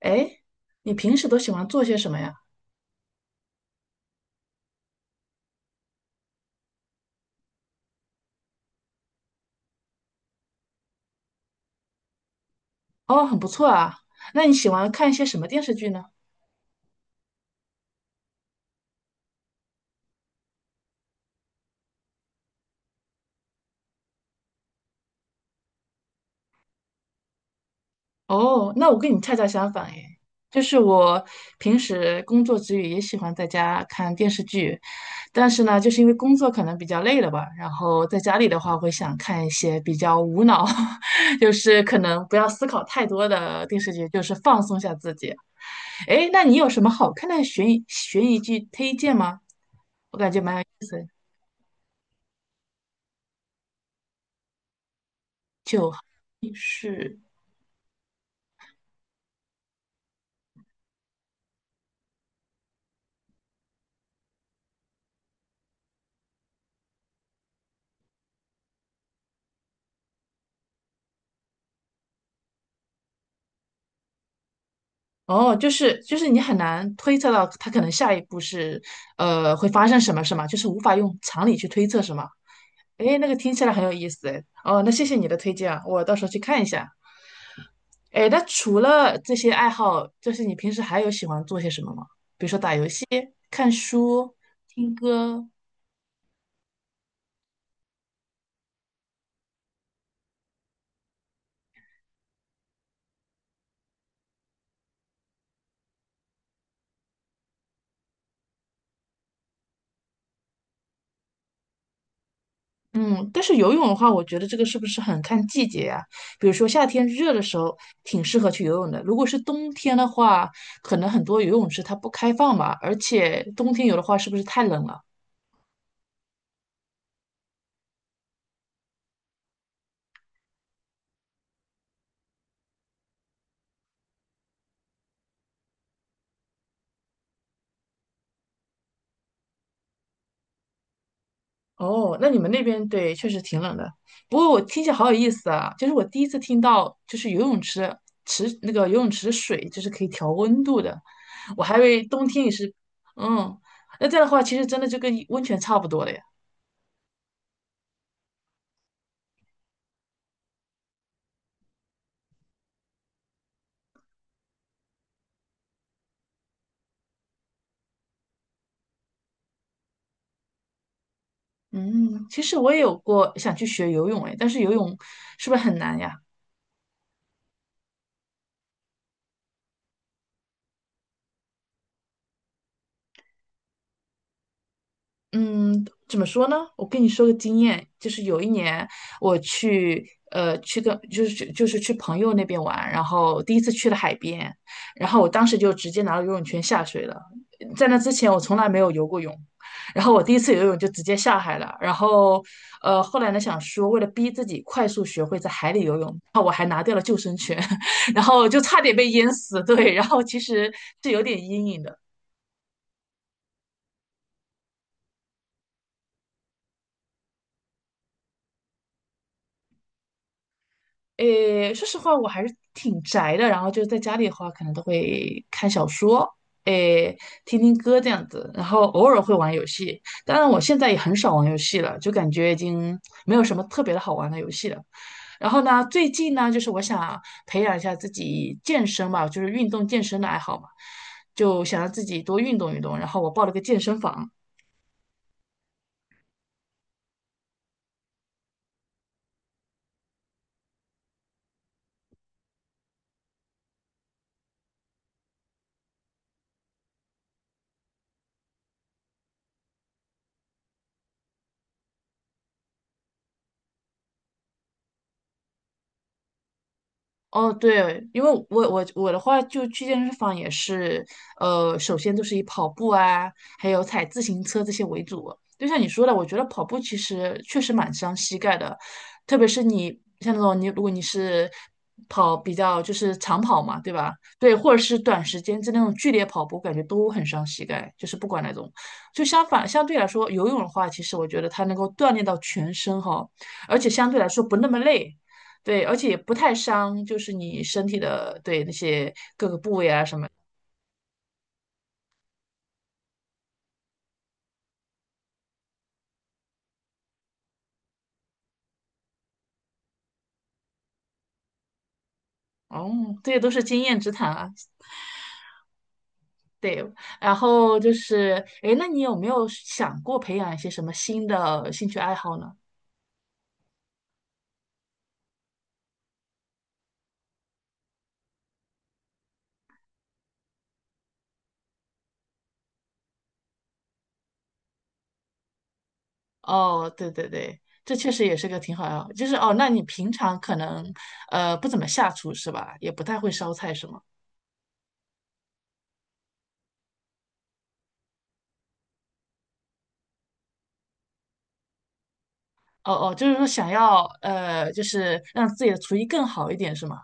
哎，你平时都喜欢做些什么呀？哦，很不错啊。那你喜欢看一些什么电视剧呢？哦，那我跟你恰恰相反诶，就是我平时工作之余也喜欢在家看电视剧，但是呢，就是因为工作可能比较累了吧，然后在家里的话会想看一些比较无脑，就是可能不要思考太多的电视剧，就是放松一下自己。哎，那你有什么好看的悬疑剧推荐吗？我感觉蛮有就。是。哦，就是你很难推测到他可能下一步是，会发生什么，是吗？就是无法用常理去推测，是吗？诶，那个听起来很有意思，诶。哦，那谢谢你的推荐啊，我到时候去看一下。诶，那除了这些爱好，就是你平时还有喜欢做些什么吗？比如说打游戏、看书、听歌。嗯，但是游泳的话，我觉得这个是不是很看季节呀、比如说夏天热的时候，挺适合去游泳的。如果是冬天的话，可能很多游泳池它不开放吧，而且冬天游的话，是不是太冷了？哦，那你们那边对，确实挺冷的。不过我听起来好有意思啊，就是我第一次听到，就是游泳池那个游泳池的水就是可以调温度的，我还以为冬天也是。嗯，那这样的话，其实真的就跟温泉差不多了呀。嗯，其实我也有过想去学游泳，哎，但是游泳是不是很难呀？嗯，怎么说呢？我跟你说个经验，就是有一年我去，呃，去跟就是去就是去朋友那边玩，然后第一次去了海边，然后我当时就直接拿了游泳圈下水了。在那之前我从来没有游过泳，然后我第一次游泳就直接下海了。然后，后来呢想说为了逼自己快速学会在海里游泳，然后我还拿掉了救生圈，然后就差点被淹死。对，然后其实是有点阴影的。诶，说实话，我还是挺宅的。然后就是在家里的话，可能都会看小说，诶，听听歌这样子。然后偶尔会玩游戏，当然我现在也很少玩游戏了，就感觉已经没有什么特别的好玩的游戏了。然后呢，最近呢，就是我想培养一下自己健身吧，就是运动健身的爱好嘛，就想让自己多运动运动。然后我报了个健身房，哦，对，因为我的话，就去健身房也是，首先都是以跑步啊，还有踩自行车这些为主。就像你说的，我觉得跑步其实确实蛮伤膝盖的，特别是你像那种你，如果你是跑比较就是长跑嘛，对吧？对，或者是短时间之内那种剧烈跑步，感觉都很伤膝盖，就是不管那种。就相反，相对来说，游泳的话，其实我觉得它能够锻炼到全身哈，而且相对来说不那么累。对，而且也不太伤，就是你身体的，对，那些各个部位啊什么。哦，这些都是经验之谈啊。对，然后就是，诶，那你有没有想过培养一些什么新的兴趣爱好呢？哦，对对对，这确实也是个挺好的，就是哦，那你平常可能不怎么下厨是吧？也不太会烧菜是吗？哦哦，就是说想要就是让自己的厨艺更好一点是吗？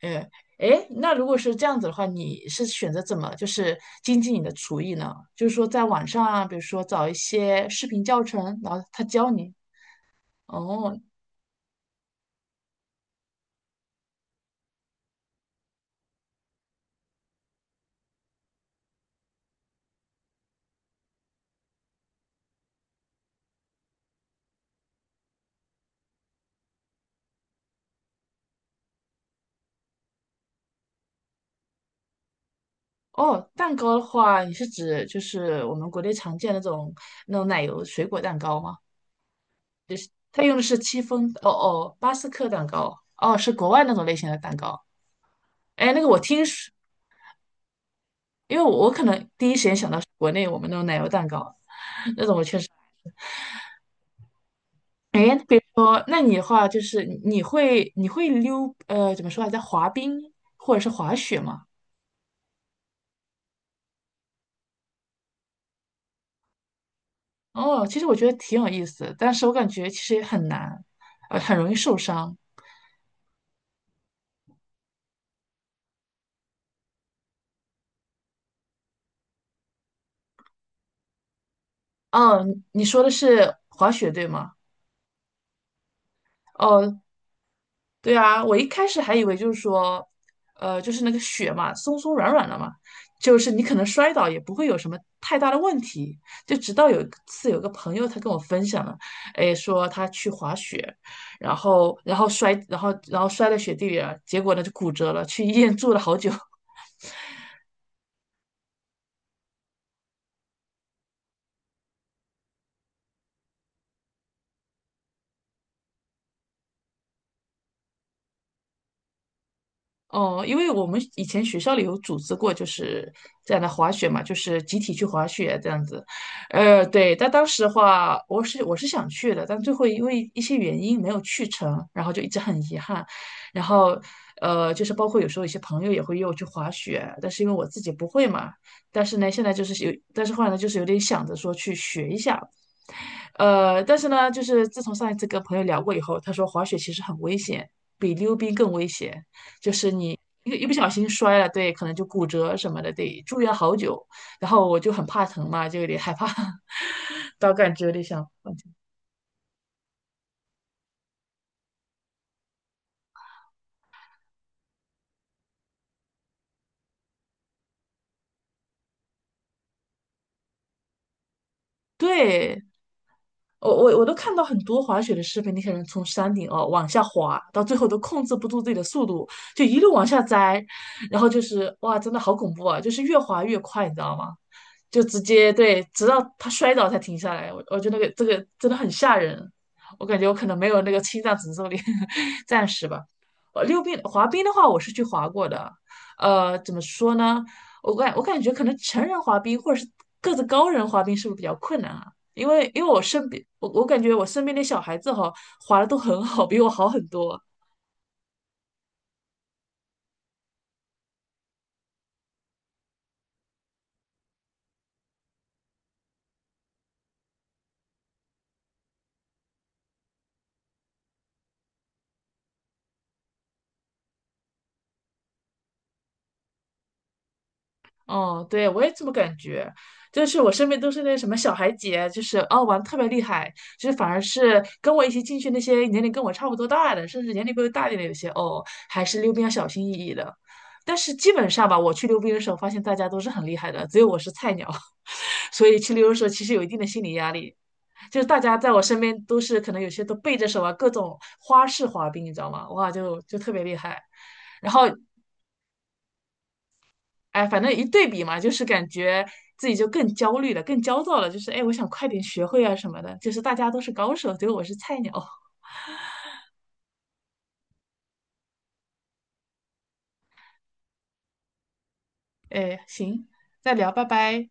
哎哎，那如果是这样子的话，你是选择怎么就是精进你的厨艺呢？就是说在网上啊，比如说找一些视频教程，然后他教你。哦哦，蛋糕的话，你是指就是我们国内常见那种奶油水果蛋糕吗？他用的是戚风，哦哦，巴斯克蛋糕，哦，是国外那种类型的蛋糕。哎，那个我听说，因为我可能第一时间想到是国内我们那种奶油蛋糕，那种我确实。哎，诶比如说，那你的话就是你会溜怎么说来着滑冰或者是滑雪吗？哦，其实我觉得挺有意思的但是我感觉其实也很难，很容易受伤。哦，你说的是滑雪对吗？哦，对啊，我一开始还以为就是说，就是那个雪嘛，松松软软的嘛，就是你可能摔倒也不会有什么太大的问题。就直到有一次，有个朋友他跟我分享了，哎，说他去滑雪，然后然后摔，然后然后摔在雪地里了，结果呢就骨折了，去医院住了好久。哦，因为我们以前学校里有组织过，就是这样的滑雪嘛，就是集体去滑雪这样子。对，但当时的话，我是想去的，但最后因为一些原因没有去成，然后就一直很遗憾。然后，就是包括有时候一些朋友也会约我去滑雪，但是因为我自己不会嘛，但是呢，现在就是有，但是后来呢，就是有点想着说去学一下。但是呢，就是自从上一次跟朋友聊过以后，他说滑雪其实很危险，比溜冰更危险。就是你一个一不小心摔了，对，可能就骨折什么的，得住院好久。然后我就很怕疼嘛，就有点害怕，到感觉有点想放弃。对，我都看到很多滑雪的视频，那些人从山顶哦往下滑，到最后都控制不住自己的速度，就一路往下栽，然后就是哇，真的好恐怖啊！就是越滑越快，你知道吗？就直接对，直到他摔倒才停下来。我觉得那个这个真的很吓人，我感觉我可能没有那个心脏承受力，暂时吧。溜冰滑冰的话，我是去滑过的。怎么说呢？我感觉可能成人滑冰或者是个子高人滑冰是不是比较困难啊？因为因为我感觉我身边的小孩子哈，滑的都很好，比我好很多。嗯，对，我也这么感觉，就是我身边都是那什么小孩姐，就是哦玩得特别厉害，就是反而是跟我一起进去那些年龄跟我差不多大的，甚至年龄比我大一点的，有些哦还是溜冰要小心翼翼的。但是基本上吧，我去溜冰的时候，发现大家都是很厉害的，只有我是菜鸟，所以去溜的时候其实有一定的心理压力。就是大家在我身边都是可能有些都背着手啊，各种花式滑冰，你知道吗？哇，就特别厉害。然后哎，反正一对比嘛，就是感觉自己就更焦虑了，更焦躁了。就是哎，我想快点学会啊什么的。就是大家都是高手，结果我是菜鸟。哎，行，再聊，拜拜。